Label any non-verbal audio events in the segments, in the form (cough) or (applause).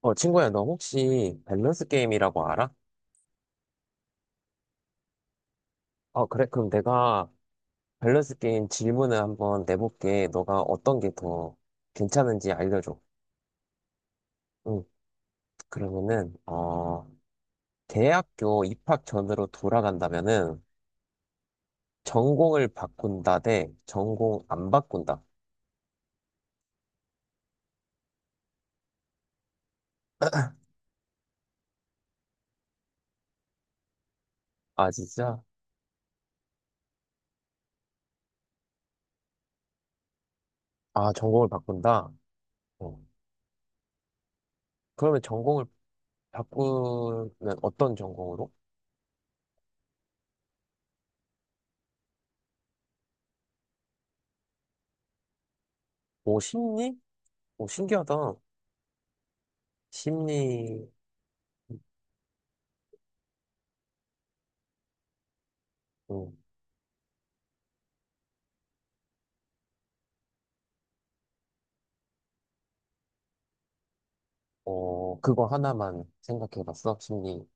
친구야, 너 혹시 밸런스 게임이라고 알아? 그래. 그럼 내가 밸런스 게임 질문을 한번 내볼게. 너가 어떤 게 더 괜찮은지 알려줘. 응. 그러면은, 대학교 입학 전으로 돌아간다면은 전공을 바꾼다 대 전공 안 바꾼다. 아, 진짜? 아, 전공을 바꾼다? 어. 그러면 전공을 바꾸면 어떤 전공으로? 오, 심리? 오, 신기하다. 심리, 그거 하나만 생각해봤어? 심리학?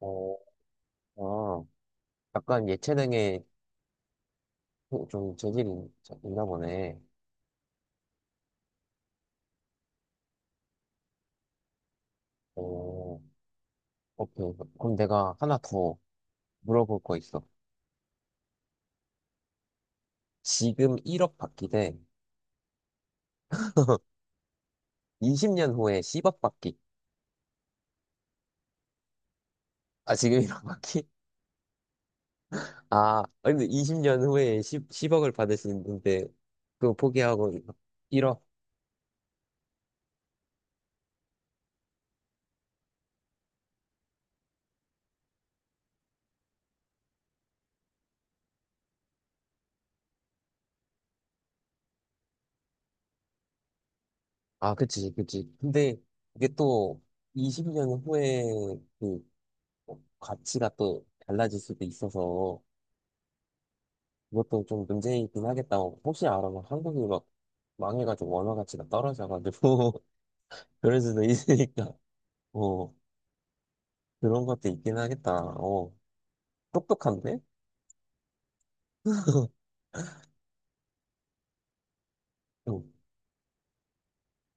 어, 아, 약간 예체능에 좀 재질이 있나 보네. 어, 오케이. 그럼 내가 하나 더 물어볼 거 있어. 지금 1억 받기 대 20년 후에 10억 받기. 아, 지금 1억 받기? (laughs) 아, 근데 20년 후에 10억을 받을 수 있는데, 그거 포기하고 1억? 아, 그치, 그치. 근데 이게 또 20년 후에 그 뭐 가치가 또 달라질 수도 있어서 그것도 좀 문제이긴 하겠다고 혹시 알아? 막 한국이 막 망해가지고 원화 가치가 떨어져가지고 (laughs) 그럴 수도 있으니까 어 그런 것도 있긴 하겠다. 똑똑한데? 응.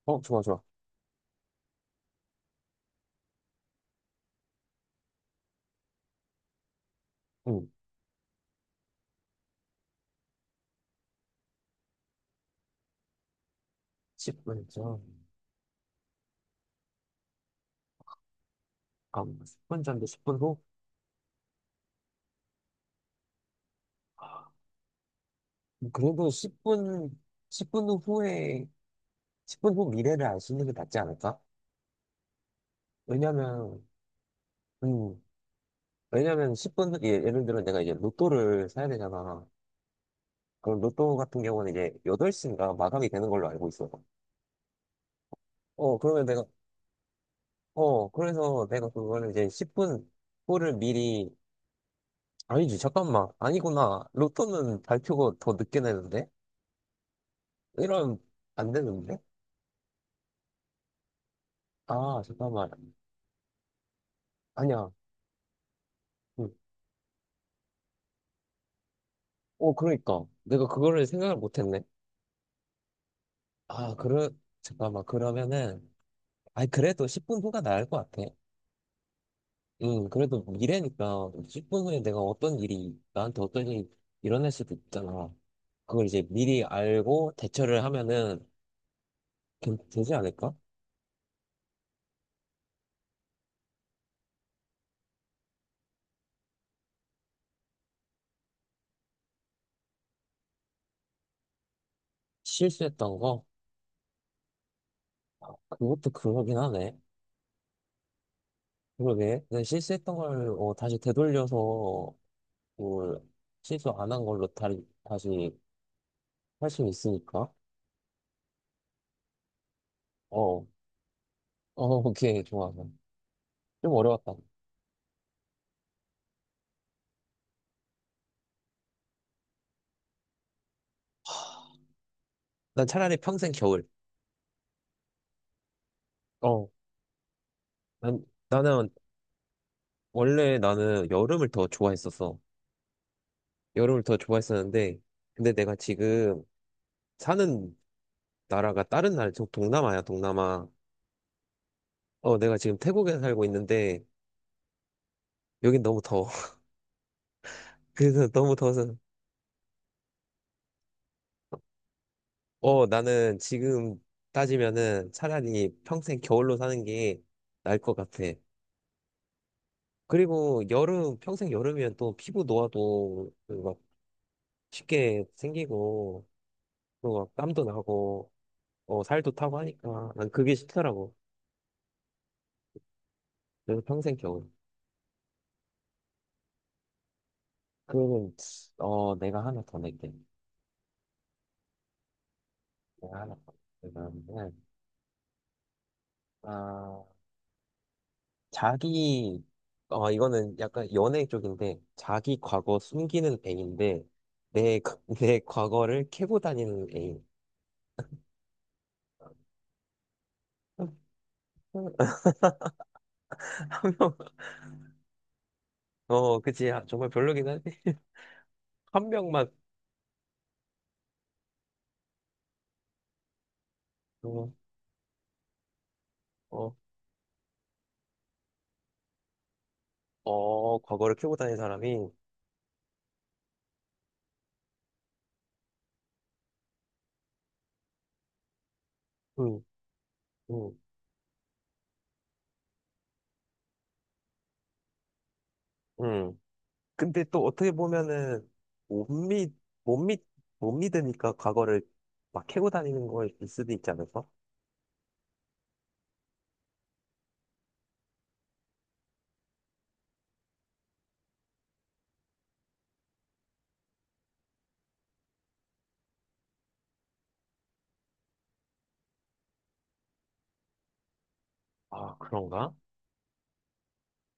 좋아, 좋아. 응. 10분 전. 아, 10분 전인데 10분 후? 아, 그래도 10분, 십 분 후에 10분 후 미래를 알 수 있는 게 낫지 않을까? 왜냐면 음 왜냐면 10분 후- 예를 들어 내가 이제 로또를 사야 되잖아. 그 로또 같은 경우는 이제 8시인가 마감이 되는 걸로 알고 있어요. 어, 그러면 내가, 어, 그래서 내가 그거를 이제 10분 후를 미리, 아니지, 잠깐만. 아니구나. 로또는 발표가 더 늦게 내는데? 이러면 안 되는데? 아, 잠깐만. 아니야. 응. 그러니까. 내가 그거를 생각을 못 했네. 아, 잠깐만. 그러면은, 아니, 그래도 10분 후가 나을 것 같아. 응, 그래도 미래니까 10분 후에 내가 어떤 일이 나한테 어떤 일이 일어날 수도 있잖아. 그걸 이제 미리 알고 대처를 하면은 되지 않을까? 실수했던 거? 아, 그것도 그러긴 하네. 그러게. 내가 실수했던 걸 다시 되돌려서 뭘 실수 안 한 걸로 다시 할 수 있으니까. 어, (laughs) 오케이, 좋아. 좀 어려웠다. 난 차라리 평생 겨울. 어, 나는 원래 나는 여름을 더 좋아했었어. 여름을 더 좋아했었는데, 근데 내가 지금 사는 나라가 다른 나라, 저 동남아야, 동남아. 내가 지금 태국에 살고 있는데, 여긴 너무 더워. (laughs) 그래서 너무 더워서, 나는 지금 따지면은 차라리 평생 겨울로 사는 게 나을 것 같아. 그리고 평생 여름이면 또 피부 노화도 그막 쉽게 생기고, 또 막 땀도 나고, 살도 타고 하니까 난 그게 싫더라고. 그래서 평생 겨울. 그러면 내가 하나 더 낼게. 제가 하나 그러면은 아 자기 이거는 약간 연애 쪽인데 자기 과거 숨기는 애인데 (laughs) 내 과거를 캐고 다니는 애인. (laughs) 한 명 그치. 아, 정말 별로긴 한데 한 명만. 어어. 어, 과거를 캐고 다니는 사람이. 응. 응. 응. 근데 또 어떻게 보면은 못믿못믿못 믿으니까 과거를 막 캐고 다니는 거일 수도 있지 않을까? 아, 그런가?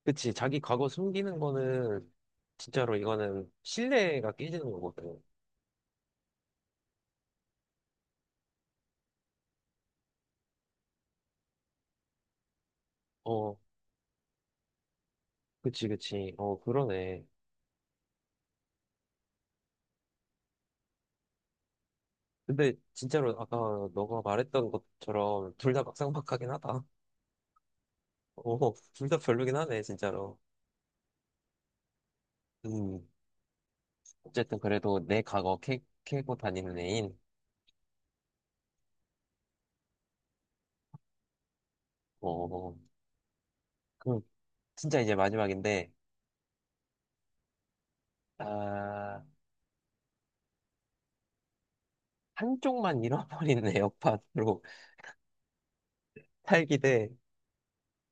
그치. 자기 과거 숨기는 거는 진짜로 이거는 신뢰가 깨지는 거거든. 어, 그치, 그치. 그러네. 근데 진짜로 아까 너가 말했던 것처럼 둘 다 막상막하긴 하다. (laughs) 둘 다 별로긴 하네, 진짜로. 음, 어쨌든 그래도 내 과거 캐고 다니는 애인. 어, 그럼 진짜 이제 마지막인데, 아, 한쪽만 잃어버리는 애역판으로 (laughs) 살기 대,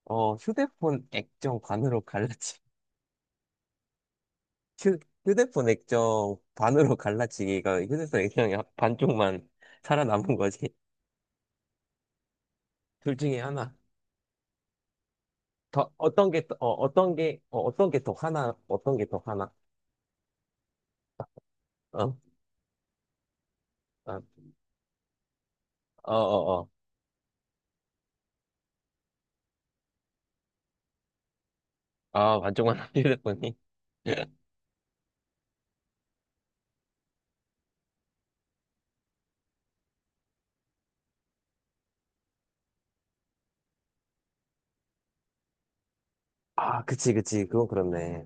휴대폰 액정 반으로 휴, 휴대폰 액정 반으로 (laughs) 갈라치기가 휴대폰 액정이 반쪽만 살아남은 거지. 둘 중에 하나. 더, 어떤 게, 더- 어떤 게, 어떤 게 더 하나, 어떤 게 더 하나. 어? 어, 어, 어. 어. 아, 반쪽만 (laughs) 휴대폰이. 아, 그치, 그치. 그건 그렇네.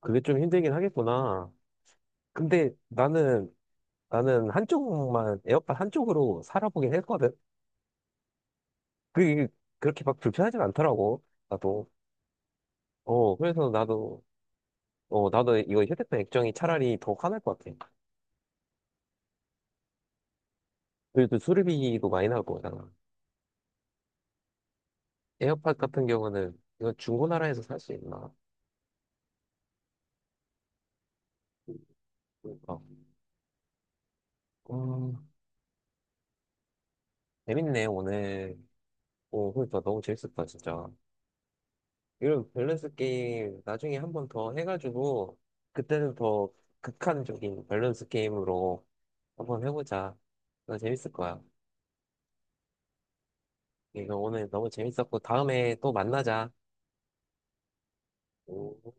그게 좀 힘들긴 하겠구나. 근데 나는 한쪽만, 에어팟 한쪽으로 살아보긴 했거든. 그게 그렇게 막 불편하진 않더라고. 나도. 그래서 나도 이거 휴대폰 액정이 차라리 더 화날 것 같아. 그래도 수리비도 많이 나올 거잖아. 에어팟 같은 경우는 이거 중고나라에서 살 수 있나? 그러니까. 음, 재밌네, 오늘. 오, 그러니까 너무 재밌었다, 진짜. 이런 밸런스 게임 나중에 한 번 더 해가지고, 그때는 더 극한적인 밸런스 게임으로 한번 해보자. 너 재밌을 거야. 이거 오늘 너무 재밌었고, 다음에 또 만나자. 오.